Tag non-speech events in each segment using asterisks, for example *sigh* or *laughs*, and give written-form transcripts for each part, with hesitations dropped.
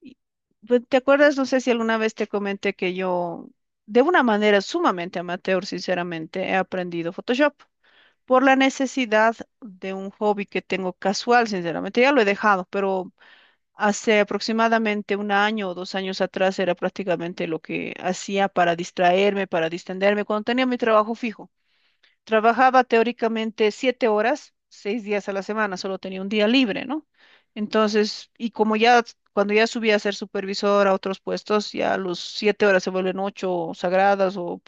Y, pues, ¿te acuerdas? No sé si alguna vez te comenté que yo, de una manera sumamente amateur, sinceramente, he aprendido Photoshop por la necesidad de un hobby que tengo casual, sinceramente. Ya lo he dejado, pero hace aproximadamente un año o 2 años atrás era prácticamente lo que hacía para distraerme, para distenderme, cuando tenía mi trabajo fijo. Trabajaba teóricamente 7 horas, 6 días a la semana, solo tenía un día libre, ¿no? Entonces, y como ya, cuando ya subí a ser supervisor a otros puestos, ya los 7 horas se vuelven ocho sagradas o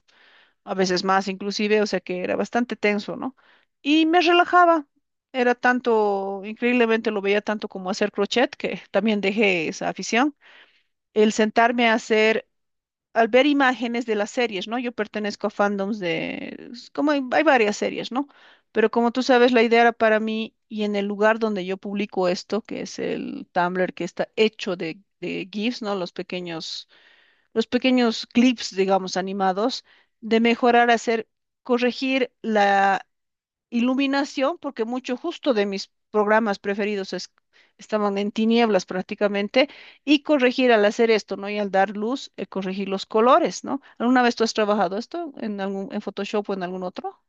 a veces más inclusive, o sea que era bastante tenso, ¿no? Y me relajaba, era tanto, increíblemente lo veía tanto como hacer crochet, que también dejé esa afición. El sentarme a hacer al ver imágenes de las series, ¿no? Yo pertenezco a fandoms de, es como hay varias series, ¿no? Pero como tú sabes, la idea era para mí y en el lugar donde yo publico esto, que es el Tumblr, que está hecho de GIFs, ¿no? Los pequeños clips, digamos, animados, de mejorar, hacer, corregir la iluminación, porque mucho justo de mis programas preferidos estaban en tinieblas prácticamente, y corregir al hacer esto, ¿no? Y al dar luz, corregir los colores, ¿no? ¿Alguna vez tú has trabajado esto en algún, en Photoshop o en algún otro?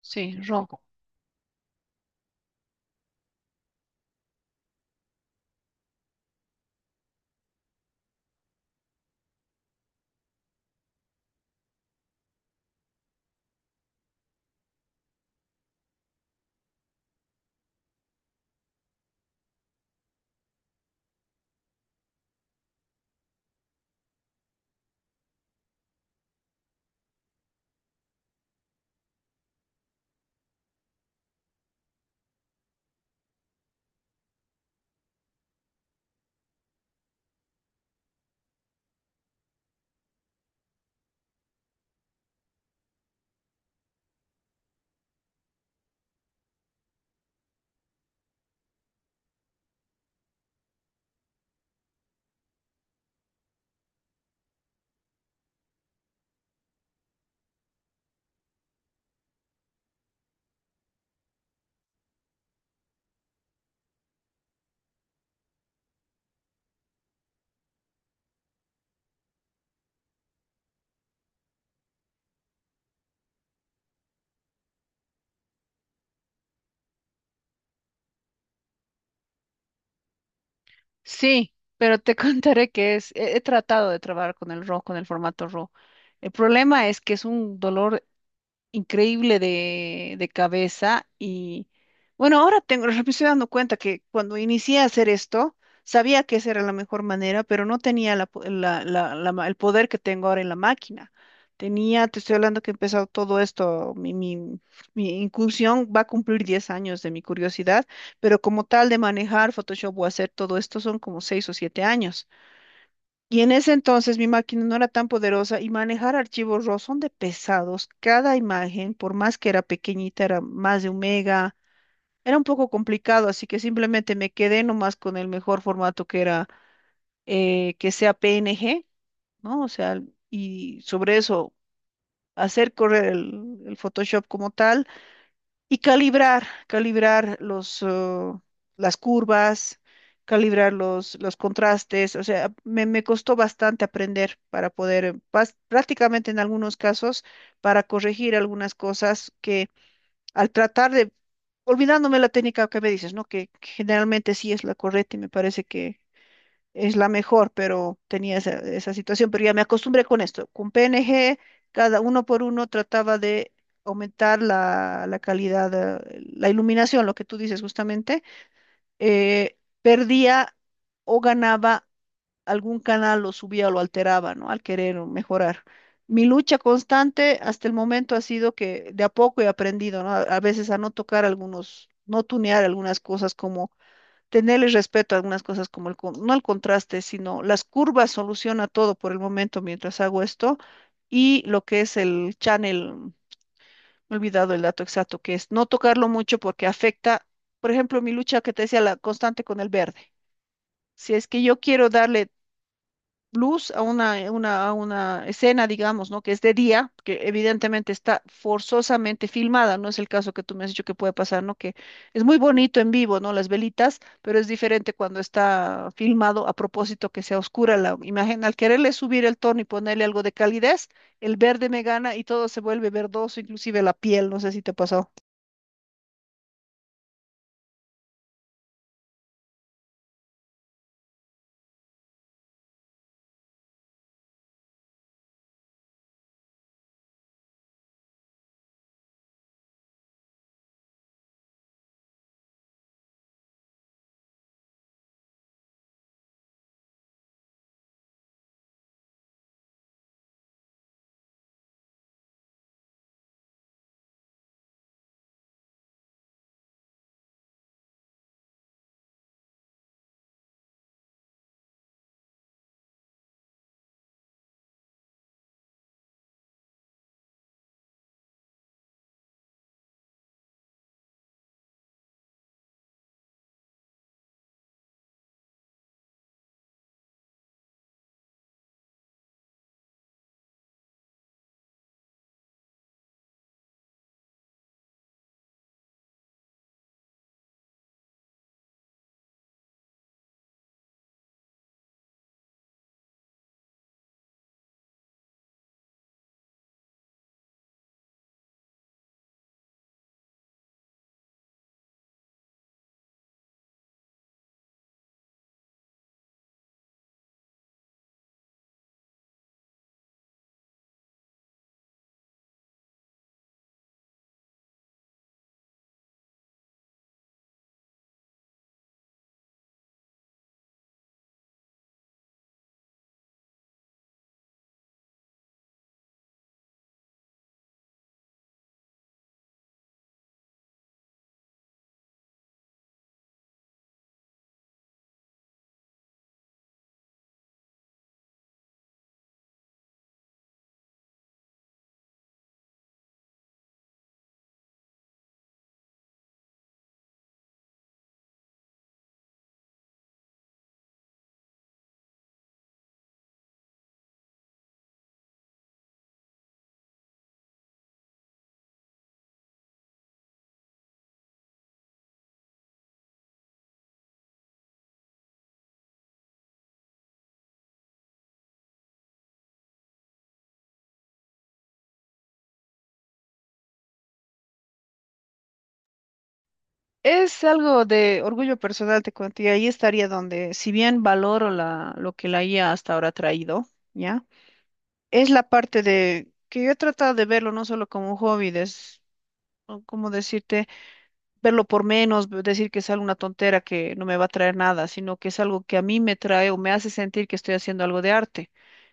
Sí, RAW. Sí, pero te *laughs* contaré que es, he tratado de trabajar con el RAW, con el formato RAW. El problema es que es un dolor increíble de cabeza y bueno, ahora tengo, *laughs* me estoy dando cuenta que cuando inicié a hacer esto, sabía que esa era la mejor manera, pero no tenía la po- la- la- la ma- el poder que tengo ahora en la máquina. Tenía, te estoy hablando que he empezado todo esto, mi incursión va a cumplir 10 años de mi curiosidad, pero como tal de manejar Photoshop o hacer todo esto son como 6 o 7 años. Y en ese entonces mi máquina no era tan poderosa y manejar archivos RAW son de pesados. Cada imagen, por más que era pequeñita, era más de un mega. Era un poco complicado, así que simplemente me quedé nomás con el mejor formato que era que sea PNG, ¿no? O sea, y sobre eso hacer correr el Photoshop como tal y calibrar las curvas, calibrar los contrastes. O sea, me costó bastante aprender para poder, prácticamente en algunos casos, para corregir algunas cosas que al tratar de, olvidándome la técnica que me dices, ¿no? Que generalmente sí es la correcta y me parece que es la mejor, pero tenía esa situación, pero ya me acostumbré con esto. Con PNG, cada uno por uno trataba de aumentar la calidad, la iluminación, lo que tú dices justamente, eh, perdía o ganaba algún canal, lo subía o lo alteraba, ¿no? Al querer mejorar. Mi lucha constante hasta el momento ha sido que de a poco he aprendido, ¿no? A veces a no tocar algunos, no tunear algunas cosas como tenerle respeto a algunas cosas como no el contraste, sino las curvas soluciona todo por el momento mientras hago esto y lo que es el channel, me he olvidado el dato exacto, que es no tocarlo mucho porque afecta, por ejemplo, mi lucha que te decía, la constante con el verde. Si es que yo quiero darle luz a una escena, digamos, ¿no? Que es de día, que evidentemente está forzosamente filmada, no es el caso que tú me has dicho que puede pasar, ¿no? Que es muy bonito en vivo, ¿no? Las velitas, pero es diferente cuando está filmado a propósito que sea oscura la imagen. Al quererle subir el tono y ponerle algo de calidez, el verde me gana y todo se vuelve verdoso, inclusive la piel, no sé si te pasó. Es algo de orgullo personal, te cuento, y ahí estaría donde, si bien valoro lo que la IA hasta ahora ha traído, ¿ya? Es la parte de que yo he tratado de verlo no solo como un hobby, o como decirte, verlo por menos, decir que es alguna tontera que no me va a traer nada, sino que es algo que a mí me trae o me hace sentir que estoy haciendo algo de arte.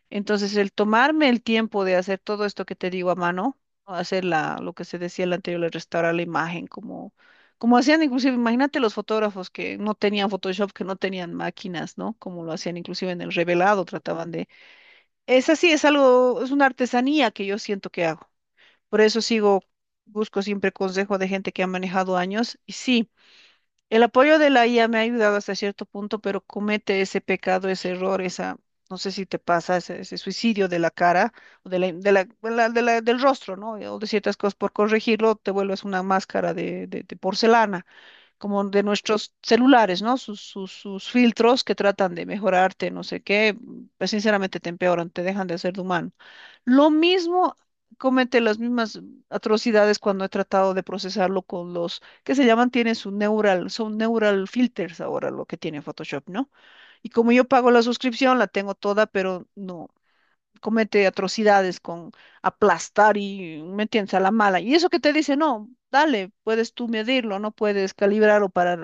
Entonces, el tomarme el tiempo de hacer todo esto que te digo a mano, o hacer lo que se decía el anterior, de restaurar la imagen, como hacían inclusive, imagínate los fotógrafos que no tenían Photoshop, que no tenían máquinas, ¿no? Como lo hacían inclusive en el revelado, trataban de esa sí es algo, es una artesanía que yo siento que hago. Por eso sigo, busco siempre consejo de gente que ha manejado años. Y sí, el apoyo de la IA me ha ayudado hasta cierto punto, pero comete ese pecado, ese error, esa, no sé si te pasa, ese suicidio de la cara o del rostro, ¿no? O de ciertas cosas por corregirlo, te vuelves una máscara de porcelana como de nuestros celulares, ¿no? Sus filtros que tratan de mejorarte, no sé qué, pues sinceramente te empeoran, te dejan de hacer de humano. Lo mismo, comete las mismas atrocidades cuando he tratado de procesarlo con los que se llaman, tiene su neural, son neural filters ahora lo que tiene Photoshop, ¿no? Y como yo pago la suscripción, la tengo toda, pero no comete atrocidades con aplastar y, ¿me entiendes?, a la mala. Y eso que te dice, no, dale, puedes tú medirlo, no puedes calibrarlo para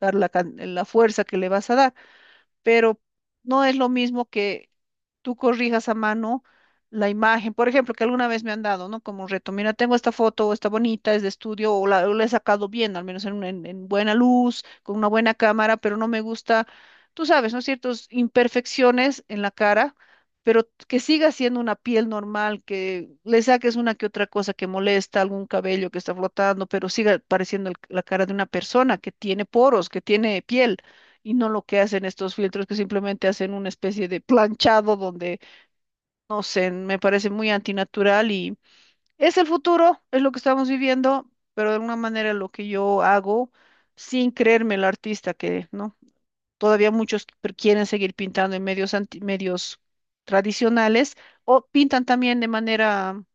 dar la fuerza que le vas a dar, pero no es lo mismo que tú corrijas a mano la imagen, por ejemplo, que alguna vez me han dado, ¿no? Como un reto, mira, tengo esta foto, o está bonita, es de estudio, o la he sacado bien, al menos en buena luz, con una buena cámara, pero no me gusta, tú sabes, ¿no? Ciertas imperfecciones en la cara, pero que siga siendo una piel normal, que le saques una que otra cosa que molesta, algún cabello que está flotando, pero siga pareciendo la cara de una persona que tiene poros, que tiene piel y no lo que hacen estos filtros que simplemente hacen una especie de planchado donde, no sé, me parece muy antinatural y es el futuro, es lo que estamos viviendo, pero de alguna manera lo que yo hago sin creerme el artista que, ¿no? Todavía muchos quieren seguir pintando en medios medios tradicionales o pintan también de manera, ¿no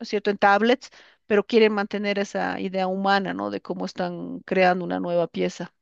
es cierto?, en tablets, pero quieren mantener esa idea humana, ¿no? De cómo están creando una nueva pieza.